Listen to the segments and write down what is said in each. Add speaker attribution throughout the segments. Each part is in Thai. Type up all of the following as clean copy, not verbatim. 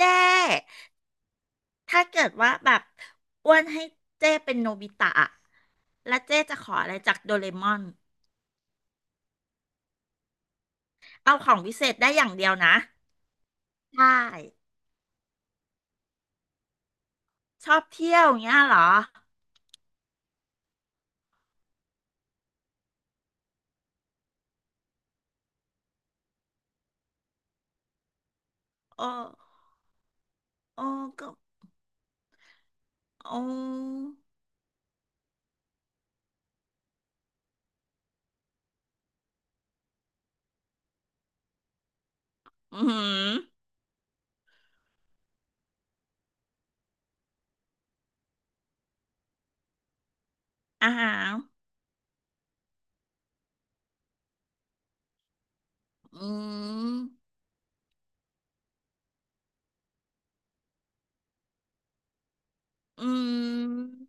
Speaker 1: เจ้ถ้าเกิดว่าแบบอ้วนให้เจ้เป็นโนบิตะอะแล้วเจ้จะขออะไรจากโดเรมอนเอาของวิเศษได้อย่างเดียวนะ ใช่ ชอบเที่ยวอย่างเงี้ยเหรอโอ้โอ้ก็โอ้อือหืออาหารอืม อืม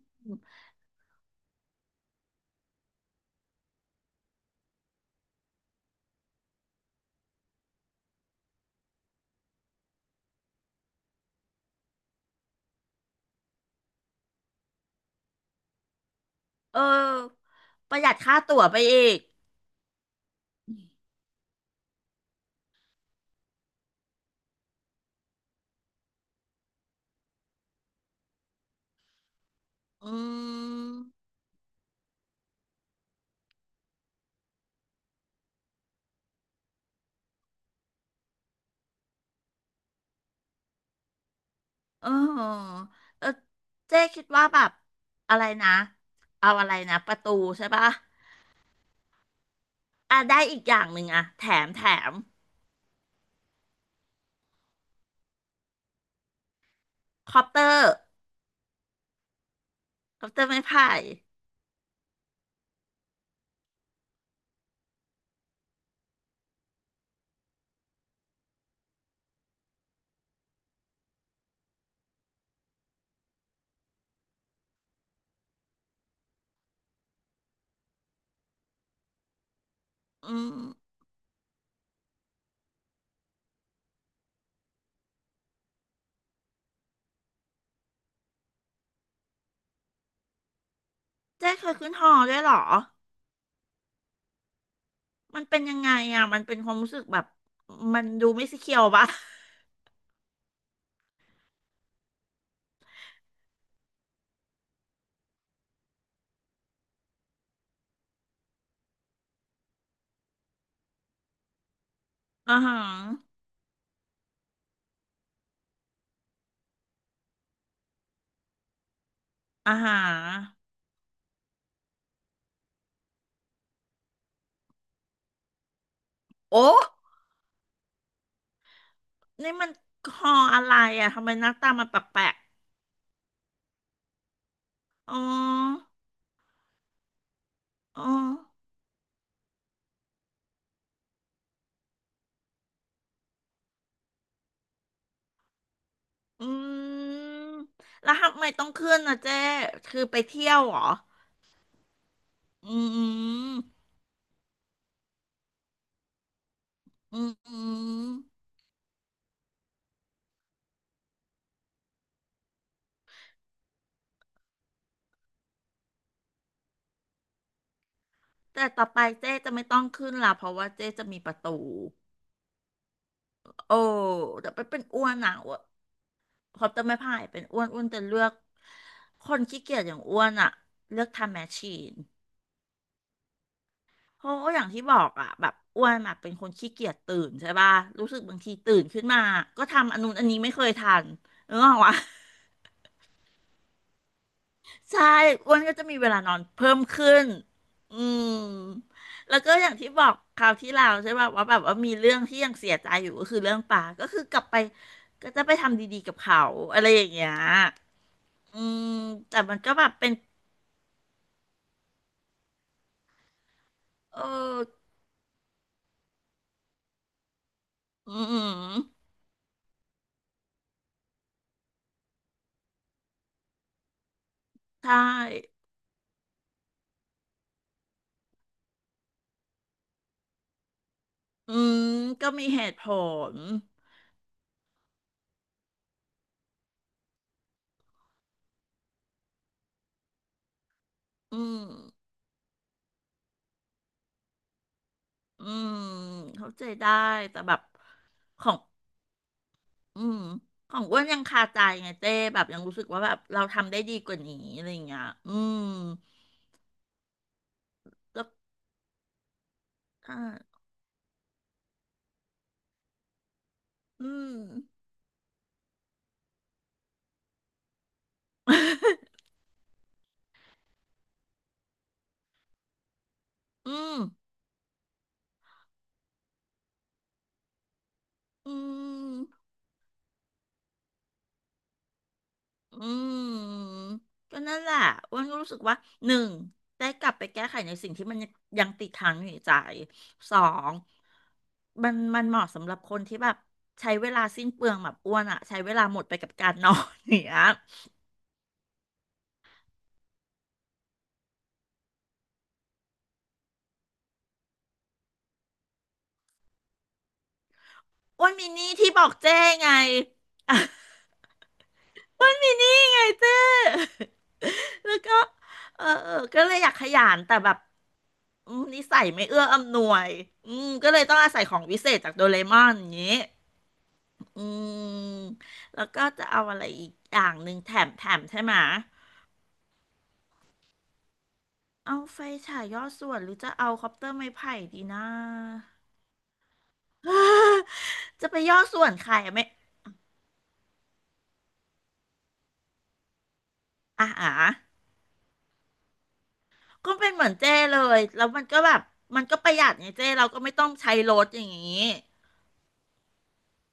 Speaker 1: เออ ประหยัดค่าตั๋วไปอีกอืม เออเออเจ๊คิดว่าแบบอะไรนะ เอาอะไรนะประตูใช่ปะอ่ะได้อีกอย่างหนึ่งอะแถมแถมคอปเตอร์คอปเตอร์ไม้ไผ่อืมเจ๊เคยขึ้นหอด้วยเหรอมันเป็นยังไงอะมันเป็นความรู้สึกแบบมันดูไม่สเคียวปะ อาฮาออาฮะโอ้นี่มันหออะไรอะทำไมหน้าตามันแปลกๆอ๋ออ๋อ อืมแล้วทำไมต้องขึ้นนะเจ๊คือไปเที่ยวเหรออืมอืมอืมแต่ต่อไปเจ๊จะไม่ต้องขึ้นละเพราะว่าเจ๊จะมีประตูโอ้แต่ไปเป็นอ้วนอ่ะอ้วนขอบจะไม่พ่ายเป็นอ้วนอ้วนจะเลือกคนขี้เกียจอย่างอ้วนอ่ะเลือกทำแมชชีนเพราะว่าอย่างที่บอกอ่ะแบบอ้วนอ่ะเป็นคนขี้เกียจตื่นใช่ป่ะรู้สึกบางทีตื่นขึ้นมาก็ทำอันนู้นอันนี้ไม่เคยทันนึกออกวะ ใช่อ้วนก็จะมีเวลานอนเพิ่มขึ้น อืมแล้วก็อย่างที่บอกคราวที่แล้วใช่ป่ะว่าแบบว่ามีเรื่องที่ยังเสียใจอยู่ก็คือเรื่องป่าก็คือกลับไปก็จะไปทำดีๆกับเขาอะไรอย่างเงี้ยอืมแต่มันแบบเป็นเอออืมใช่อืมก็มีเหตุผลอืมอืมเข้าใจได้แต่แบบของ อืมของอ้วนยังคาใจไงเจ้แบบยังรู้สึกว่าแบบเราทำได้ดีกว่านี้อะไรอย่างเงี้ยอืมแล้วอ่าอืมอืมอืมอืมก็นั่นแหละอ้วนก็รู้สึกว่าหนึ่งได้กลับไปแก้ไขในสิ่งที่มันยังติดค้างอยู่ในใจสองมันเหมาะสำหรับคนที่แบบใช้เวลาสิ้นเปลืองแบบอ้วนอะใช้เวลาหมดไปกับการนอนอย่างเงี้ยอ้วนมีหนี้ที่บอกเจ้ไง มันมีนี่ไงเจ้ แล้วก็เออเออก็เลยอยากขยันแต่แบบอืมนิสัยไม่เอื้ออำนวยอืมก็เลยต้องอาศัยของวิเศษจากโดเรมอนอย่างนี้อืมแล้วก็จะเอาอะไรอีกอย่างหนึ่งแถมแถมใช่ไหมะเอาไฟฉายย่อส่วนหรือจะเอาคอปเตอร์ไม้ไผ่ดีนะ จะไปย่อส่วนใครอะไม่อ่าอ่าก็เป็นเหมือนเจ้เลย แล้วมันก็แบบมันก็ประหยัดไงเจ้เราก็ไม่ต้องใช้รถอย่างนี้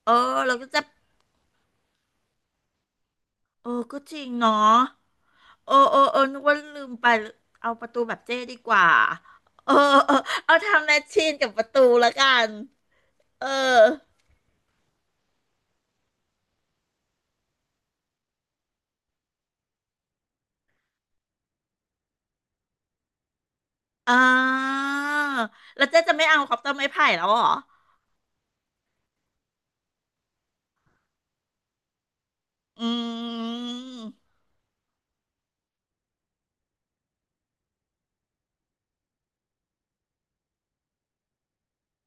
Speaker 1: เออเราก็จะเออก็จริงเนาะเออเออเออนึกว่าลืมไปเอาประตูแบบเจ้ดีกว่าเออเออเอาทำแมชชีนกับประตูละกันเอออ่าแล้วเจ๊จะไม่เอาคอปเตอร์ไม้ไผ่แล้วเหรออืม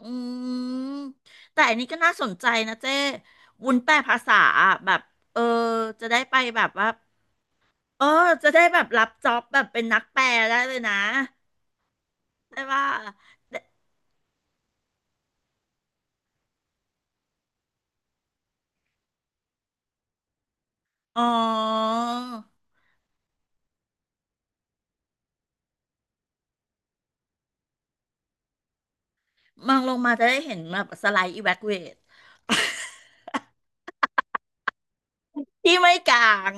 Speaker 1: อืมแต่อันนี้ก็น่าสนใจนะเจ้วุ้นแปลภาษาอะแบบเออจะได้ไปแบบว่าเออจะได้แบบรับจ็อบแบบเป็นนักแปลได้เลยนะใช่ป่ะ อ๋อมองลงมาจะได้เห็นแบบสไลด์อีแวคเว ทที่ไม่กลาง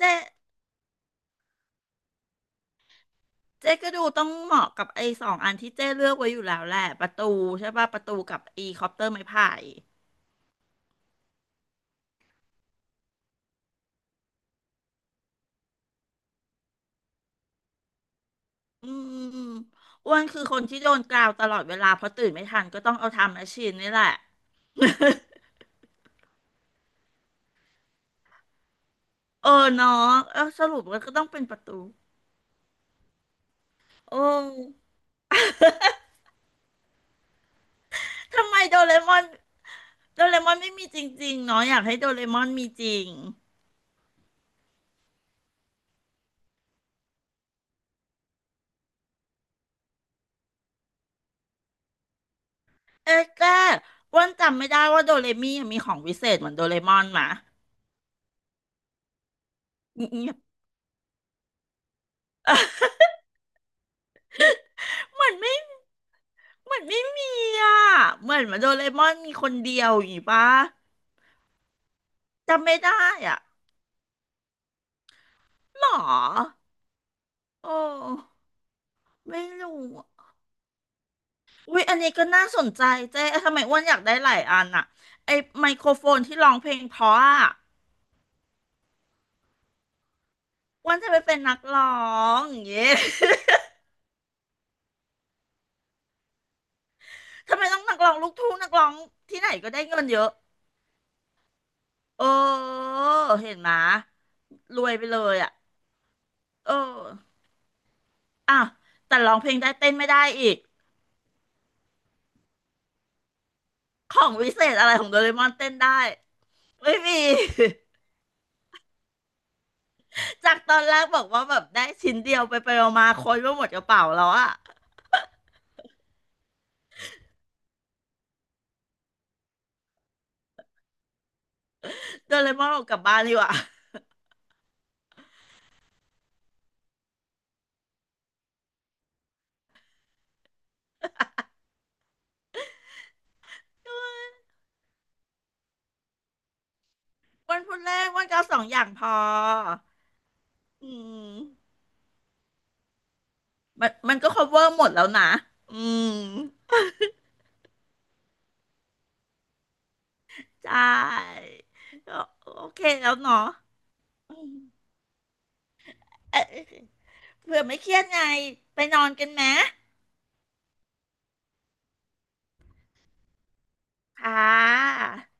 Speaker 1: เจ๊เจ๊ก็ดูต้องเหมาะกับไอ้สองอันที่เจ๊เลือกไว้อยู่แล้วแหละประตูใช่ป่ะประตูกับไอีคอปเตอร์ไม้พายอืมอ้วนคือคนที่โดนกราวตลอดเวลาเพราะตื่นไม่ทันก็ต้องเอาทำแมชชีนนี่แหละ เออเนาะเออสรุปวก็ต้องเป็นประตูโอ้ทำไมโดเรมอนโดเรมอนไม่มีจริงๆ เนาะอยากให้โดเรมอนมีจริง เอ๊ะแกอ้วันจำไม่ได้ว่าโดเรมี่มีของวิเศษเหมือนโดเรมอนหมะ เงียบๆเหมือนไม่เหมือนไม่มีอ่ะเหมือนมาโดเรมอนมีคนเดียวอย่างงี้ปะจำไม่ได้อ่ะหรอโอ้ไม่รู้อะอุ้ยอันนี้ก็น่าสนใจเจ๊ทำไมอ้วนอยากได้หลายอันอ่ะไอไมโครโฟนที่ร้องเพลงเพราะอ่ะอ้วนจะไปเป็นนักร้องอย่างเงี้ย ทำไมต้องนักร้องลูกทุ่งนักร้องที่ไหนก็ได้เงินเยอะเออเห็นไหม รวยไปเลยอ่ะเอออ่ะแต่ร้องเพลงได้เต้นไม่ได้อีกของวิเศษอะไรของโดเรมอนเต้นได้ไม่มี จากตอนแรกบอกว่าแบบได้ชิ้นเดียวไปไปมาๆคนก็หมดกระเป๋าแล้วอ่ะโดเรมอนออกกลับบ้านดีกว่า วันพุธแรกวันก็เอาสองอย่างพออืมมันก็ cover หมดแล้วนะอืมใช่ก็โอเคแล้วเนาะอืมเอ๊ะเผื่อไม่เครียดไงไปนอนกันไหมค่ะ